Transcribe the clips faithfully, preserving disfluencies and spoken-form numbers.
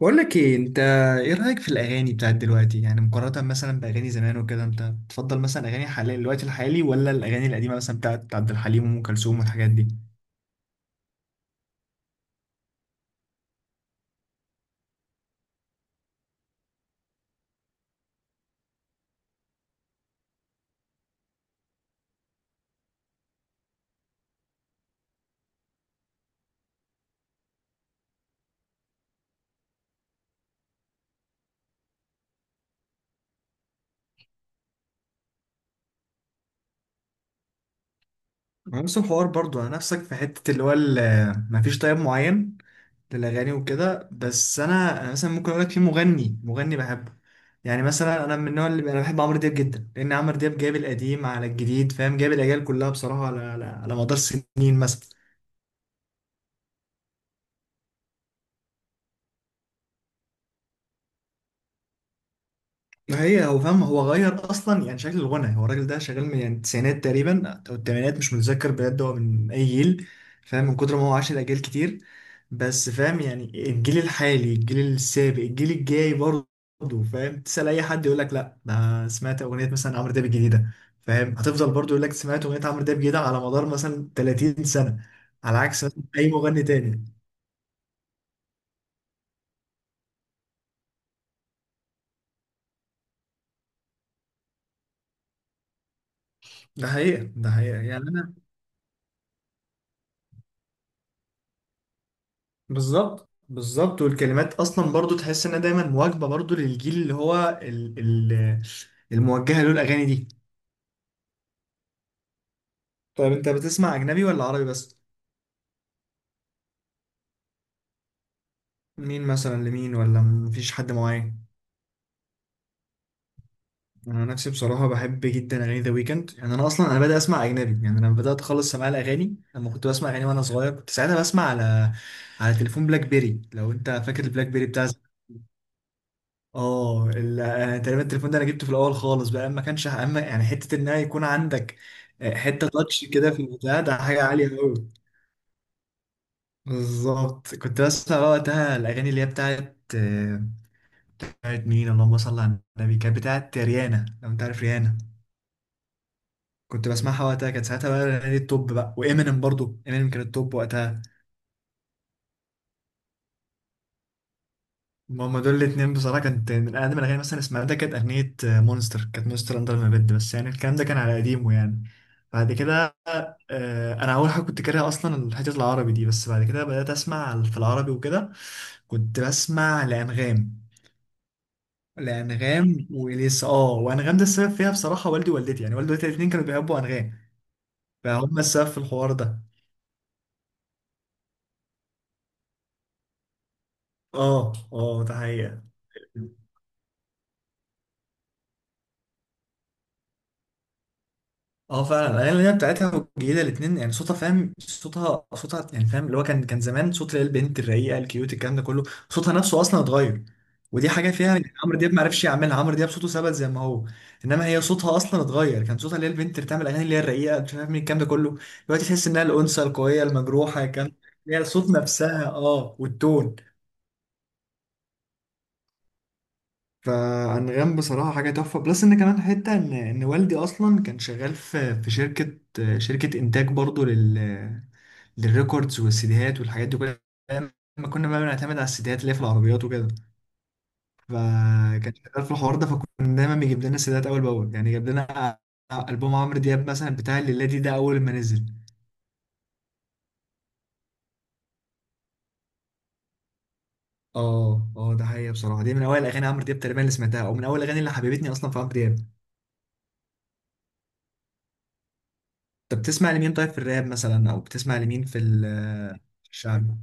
بقول لك ايه انت؟ ايه رايك في الاغاني بتاعت دلوقتي، يعني مقارنه مثلا باغاني زمان وكده؟ انت بتفضل مثلا اغاني حاليا الوقت الحالي، ولا الاغاني القديمه مثلا بتاعت عبد الحليم وام كلثوم والحاجات دي؟ ما نفس الحوار برضو، انا نفسك في حته اللي هو ال- ما فيش طيب معين للاغاني وكده. بس انا انا مثلا ممكن اقول لك في مغني، مغني بحبه. يعني مثلا انا من النوع اللي انا بحب عمرو دياب جدا، لان عمرو دياب جايب القديم على الجديد، فاهم؟ جايب الاجيال كلها بصراحه على على, على مدار سنين مثلا. ما هي هو فاهم، هو غير اصلا يعني شكل الغنى. هو الراجل ده شغال من يعني التسعينات تقريبا او الثمانينات، مش متذكر بجد هو من اي جيل. فاهم؟ من كتر ما هو عاش الاجيال كتير. بس فاهم يعني، الجيل الحالي، الجيل السابق، الجيل الجاي برضه. فاهم؟ تسأل اي حد يقول لك لا، ده سمعت اغنيه مثلا عمرو دياب الجديده. فاهم؟ هتفضل برضه يقول لك سمعت اغنيه عمرو دياب الجديده على مدار مثلا تلاتين سنه، على عكس مثلا اي مغني تاني. ده حقيقه، ده حقيقه يعني. بالظبط بالظبط، والكلمات اصلا برضو تحس انها دايما مواكبه برضو للجيل اللي هو ال ال الموجهه له الاغاني دي. طيب انت بتسمع اجنبي ولا عربي بس؟ مين مثلا؟ لمين؟ ولا مفيش حد معين؟ انا نفسي بصراحه بحب جدا اغاني ذا ويكند. يعني انا اصلا انا بدأت اسمع اجنبي، يعني انا بدأت خالص سماع الاغاني لما كنت بسمع اغاني وانا صغير. كنت ساعتها بسمع على على تليفون بلاك بيري، لو انت فاكر البلاك بيري بتاع اه ال- آه، تقريبا. التليفون ده انا جبته في الاول خالص بقى، ما كانش اما يعني حته ان يكون عندك آه، حته تاتش كده في البتاع ده حاجه عاليه قوي. بالظبط. كنت بسمع بقى وقتها الاغاني اللي هي بتاعت آه، بتاعت مين؟ اللهم صل على النبي، كانت بتاعت ريانا، لو انت عارف ريانا. كنت بسمعها وقتها، كانت ساعتها بقى الاغاني التوب، بقى وامينيم برضو، امينيم كان التوب وقتها. ما هما دول الاتنين بصراحة كانت من أقدم الأغاني مثلا سمعتها، كانت أغنية مونستر، كانت مونستر أندر ما بيد، بس يعني الكلام ده كان على قديمه يعني. بعد كده آه، أنا أول حاجة كنت كاره أصلا الحتة العربي دي، بس بعد كده بدأت أسمع في العربي وكده. كنت بسمع لأنغام، لأنغام وإليسا. أه، وأنغام ده السبب فيها بصراحة والدي ووالدتي، يعني والدي ووالدتي الاتنين كانوا بيحبوا أنغام، فهم السبب في الحوار ده. أه أه ده حقيقة. اه فعلا، الاغاني اللي هي بتاعتها الجديده الاثنين، يعني صوتها، فاهم؟ صوتها، صوتها يعني، فاهم اللي هو، كان كان زمان صوت اللي هي البنت الرقيقه الكيوت الكلام ده كله. صوتها نفسه اصلا اتغير. ودي حاجه فيها يعني عمرو دياب ما عرفش يعملها. عمرو دياب صوته ثبت زي ما هو، انما هي صوتها اصلا اتغير. كان صوتها اللي هي البنت اللي بتعمل اغاني اللي هي الرقيقه مش عارف مين الكلام ده كله، دلوقتي تحس انها الانثى القويه المجروحه. كان هي صوت نفسها، اه، والتون. فأنغام بصراحة حاجة تحفة. بلس إن كمان حتة إن إن والدي أصلا كان شغال في في شركة، شركة إنتاج برضو لل للريكوردز والسيديهات والحاجات دي كلها، أيام ما كنا بقى بنعتمد على السيديهات اللي هي في العربيات وكده. فكان شغال في الحوار ده، فكنا دايما بيجيب لنا السيديهات أول بأول. يعني جاب لنا ألبوم عمرو دياب مثلا بتاع الليلادي ده أول ما نزل. اه اه، ده حقيقة. بصراحة دي من أول أغاني عمرو دياب تقريبا اللي سمعتها، أو من أول أغاني اللي حببتني أصلا في عمرو دياب. طب بتسمع لمين طيب في الراب مثلا؟ او بتسمع لمين في ال- في الشعب؟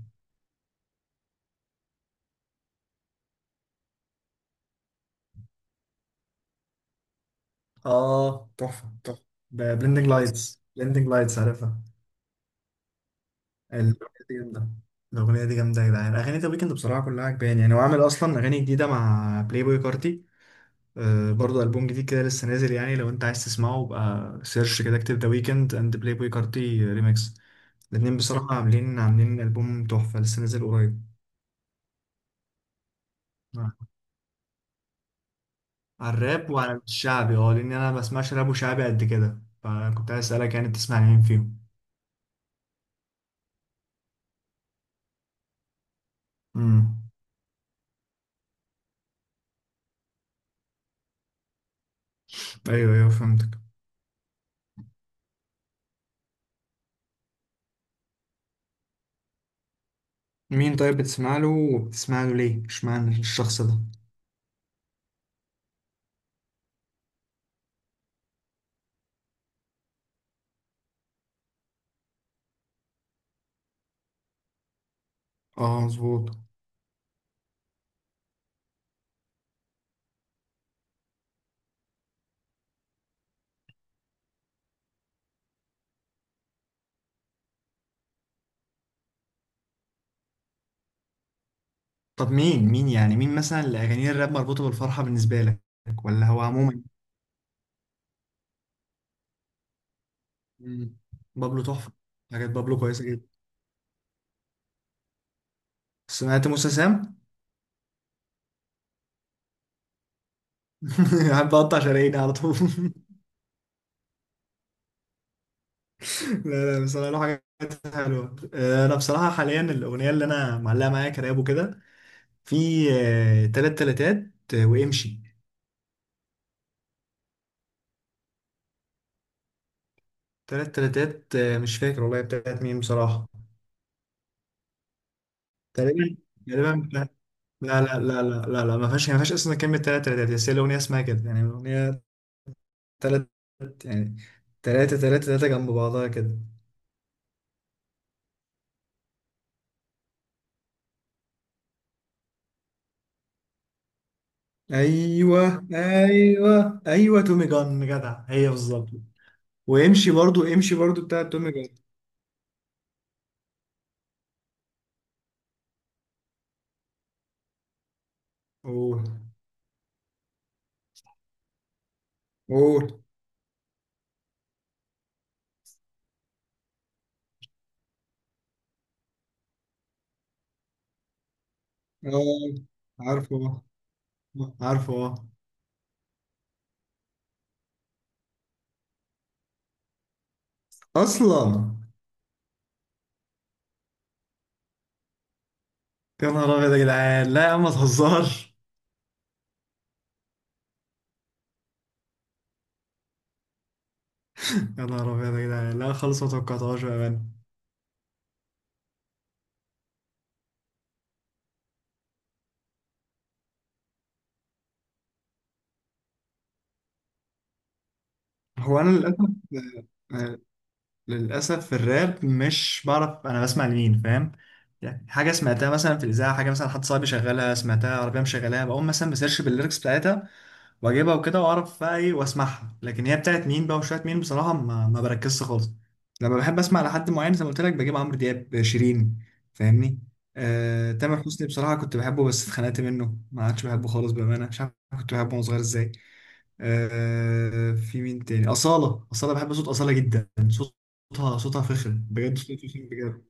اه تحفه تحفه. بلندنج لايتس، بلندنج لايتس، عارفها؟ الاغنيه دي جامده، الاغنيه دي جامده يا جدعان. اغاني ذا ويكند بصراحه كلها عجباني. يعني هو عامل اصلا اغاني جديده مع بلاي بوي كارتي، آه، برضه البوم جديد كده لسه نازل. يعني لو انت عايز تسمعه بقى سيرش كده، اكتب ذا ويكند اند بلاي بوي كارتي ريميكس. الاتنين بصراحه عاملين عاملين البوم تحفه لسه نازل قريب. على الراب وعلى الشعبي، اه، لان انا ما بسمعش راب وشعبي قد كده، فكنت عايز اسالك يعني بتسمع مين فيهم؟ امم ايوه ايوه فهمتك. مين طيب بتسمع له، وبتسمع له ليه؟ اشمعنى الشخص ده؟ اه مظبوط. طب مين مين يعني، مين مثلا اللي اغاني الراب مربوطه بالفرحه بالنسبه لك؟ ولا هو عموما؟ مم. بابلو تحفه، حاجات بابلو كويسه جدا. سمعت موسى سام؟ قاعد بقطع شراييني على طول لا لا بصراحه له حاجات حلوه. آه، انا بصراحه حاليا الاغنيه اللي انا معلقه معايا كراب وكده، في آه، تلات تلاتات، آه، وامشي. تلات تلاتات، آه، مش فاكر والله بتاعت مين بصراحة. تقريبا، تقريبا بتاعت- لا لا لا لا لا لا، ما فيهاش، ما فيهاش اصلا كلمة تلات تلاتات، بس هي الأغنية اسمها كده يعني. الأغنية تلات، يعني تلاتة تلاتة تلاتة جنب بعضها كده. أيوه أيوه أيوه، تومي جان جدع، هي بالظبط. وامشي برضو، امشي برضو بتاعت تومي جان. قول. قول. اه عارفه، آه، عارفه آه. اصلا؟ يا نهار ابيض يا جدعان، لا يا عم ما تهزرش. يا نهار ابيض يا جدعان، لا خالص ما توقعتهاش بامانه. هو انا للاسف آه، آه، للاسف في الراب مش بعرف انا بسمع لمين. فاهم؟ يعني حاجه سمعتها مثلا في الاذاعه، حاجه مثلا حد صاحبي شغالها، سمعتها عربيه مشغلاها، بقوم مثلا بسيرش بالليركس بتاعتها واجيبها وكده، واعرف بقى ايه واسمعها. لكن هي بتاعت مين بقى وشويه مين، بصراحه ما, ما بركزش خالص. لما بحب اسمع لحد معين زي ما قلت لك بجيب عمرو دياب، شيرين، فاهمني. آه، تامر حسني بصراحه كنت بحبه، بس اتخنقت منه، ما عادش بحبه خالص بامانه مش عارف. كنت بحبه وانا صغير ازاي! آه، في مين تاني؟ اصاله، اصاله، بحب صوت اصاله جدا، صوتها، صوتها فخم بجد، صوتها فخم بجد.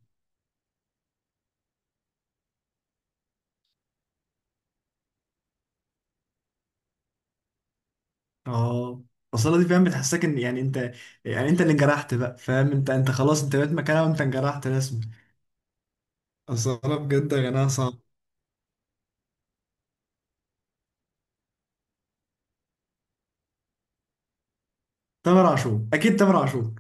اه، اصاله دي فاهم بتحسسك ان، يعني انت، يعني انت اللي انجرحت بقى، فاهم؟ انت انت خلاص انت بقيت مكانها، وانت انجرحت رسمي. اصل انا بجد غناها صعب. تامر عاشور اكيد تامر عاشور.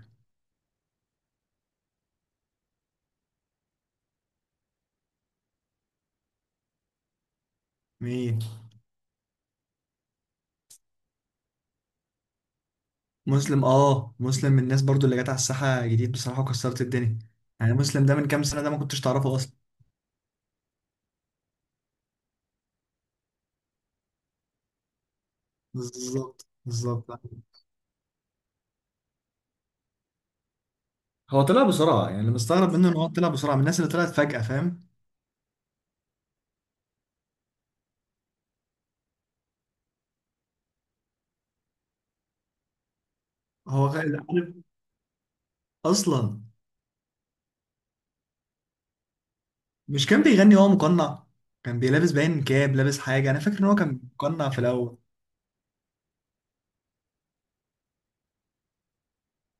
مين؟ مسلم؟ اه مسلم من الناس برضو اللي جت على الساحه جديد بصراحه وكسرت الدنيا. يعني مسلم ده من كام سنه ده ما كنتش تعرفه اصلا. بالظبط بالظبط. هو طلع بسرعه، يعني اللي مستغرب منه ان هو طلع بسرعه من الناس اللي طلعت فجاه. فاهم؟ هو غ- عارف اصلا، مش كان بيغني وهو مقنع؟ كان بيلابس باين كاب، لابس حاجه، انا فاكر ان هو كان مقنع في الاول.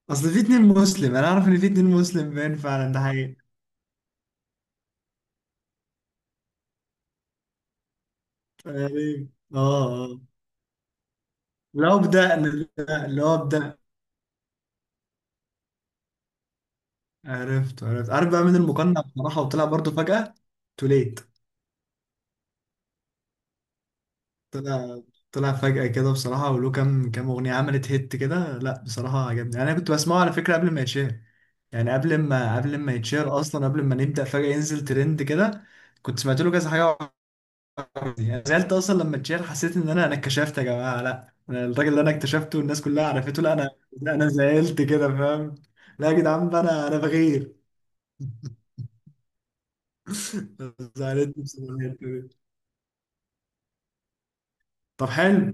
اصل في اتنين مسلم، انا اعرف ان في اتنين مسلم، باين فعلا ده حقيقي. تقريبا، اه، آه. لو بدأنا، لا، لو بدأ. عرفت عرفت، عارف بقى مين المقنع بصراحة وطلع برضو فجأة؟ توليت. طلع، طلع فجأة كده بصراحة، وله كام كام أغنية عملت هيت كده. لا بصراحة عجبني، يعني أنا كنت بسمعه على فكرة قبل ما يتشهر. يعني قبل ما قبل ما يتشهر أصلا، قبل ما نبدأ فجأة ينزل ترند كده، كنت سمعت له كذا حاجة وعجبني. يعني زعلت أصلا لما اتشهر، حسيت إن أنا أنا اتكشفت. يا جماعة لا، أنا الراجل اللي أنا اكتشفته والناس كلها عرفته، لا أنا، لا أنا زعلت كده، فاهم؟ لا يا جدعان بقى، أنا أنا بغير. زعلتني بصراحة الحتة دي. طب حلو،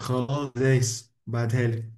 خلاص دايس بعتها لي.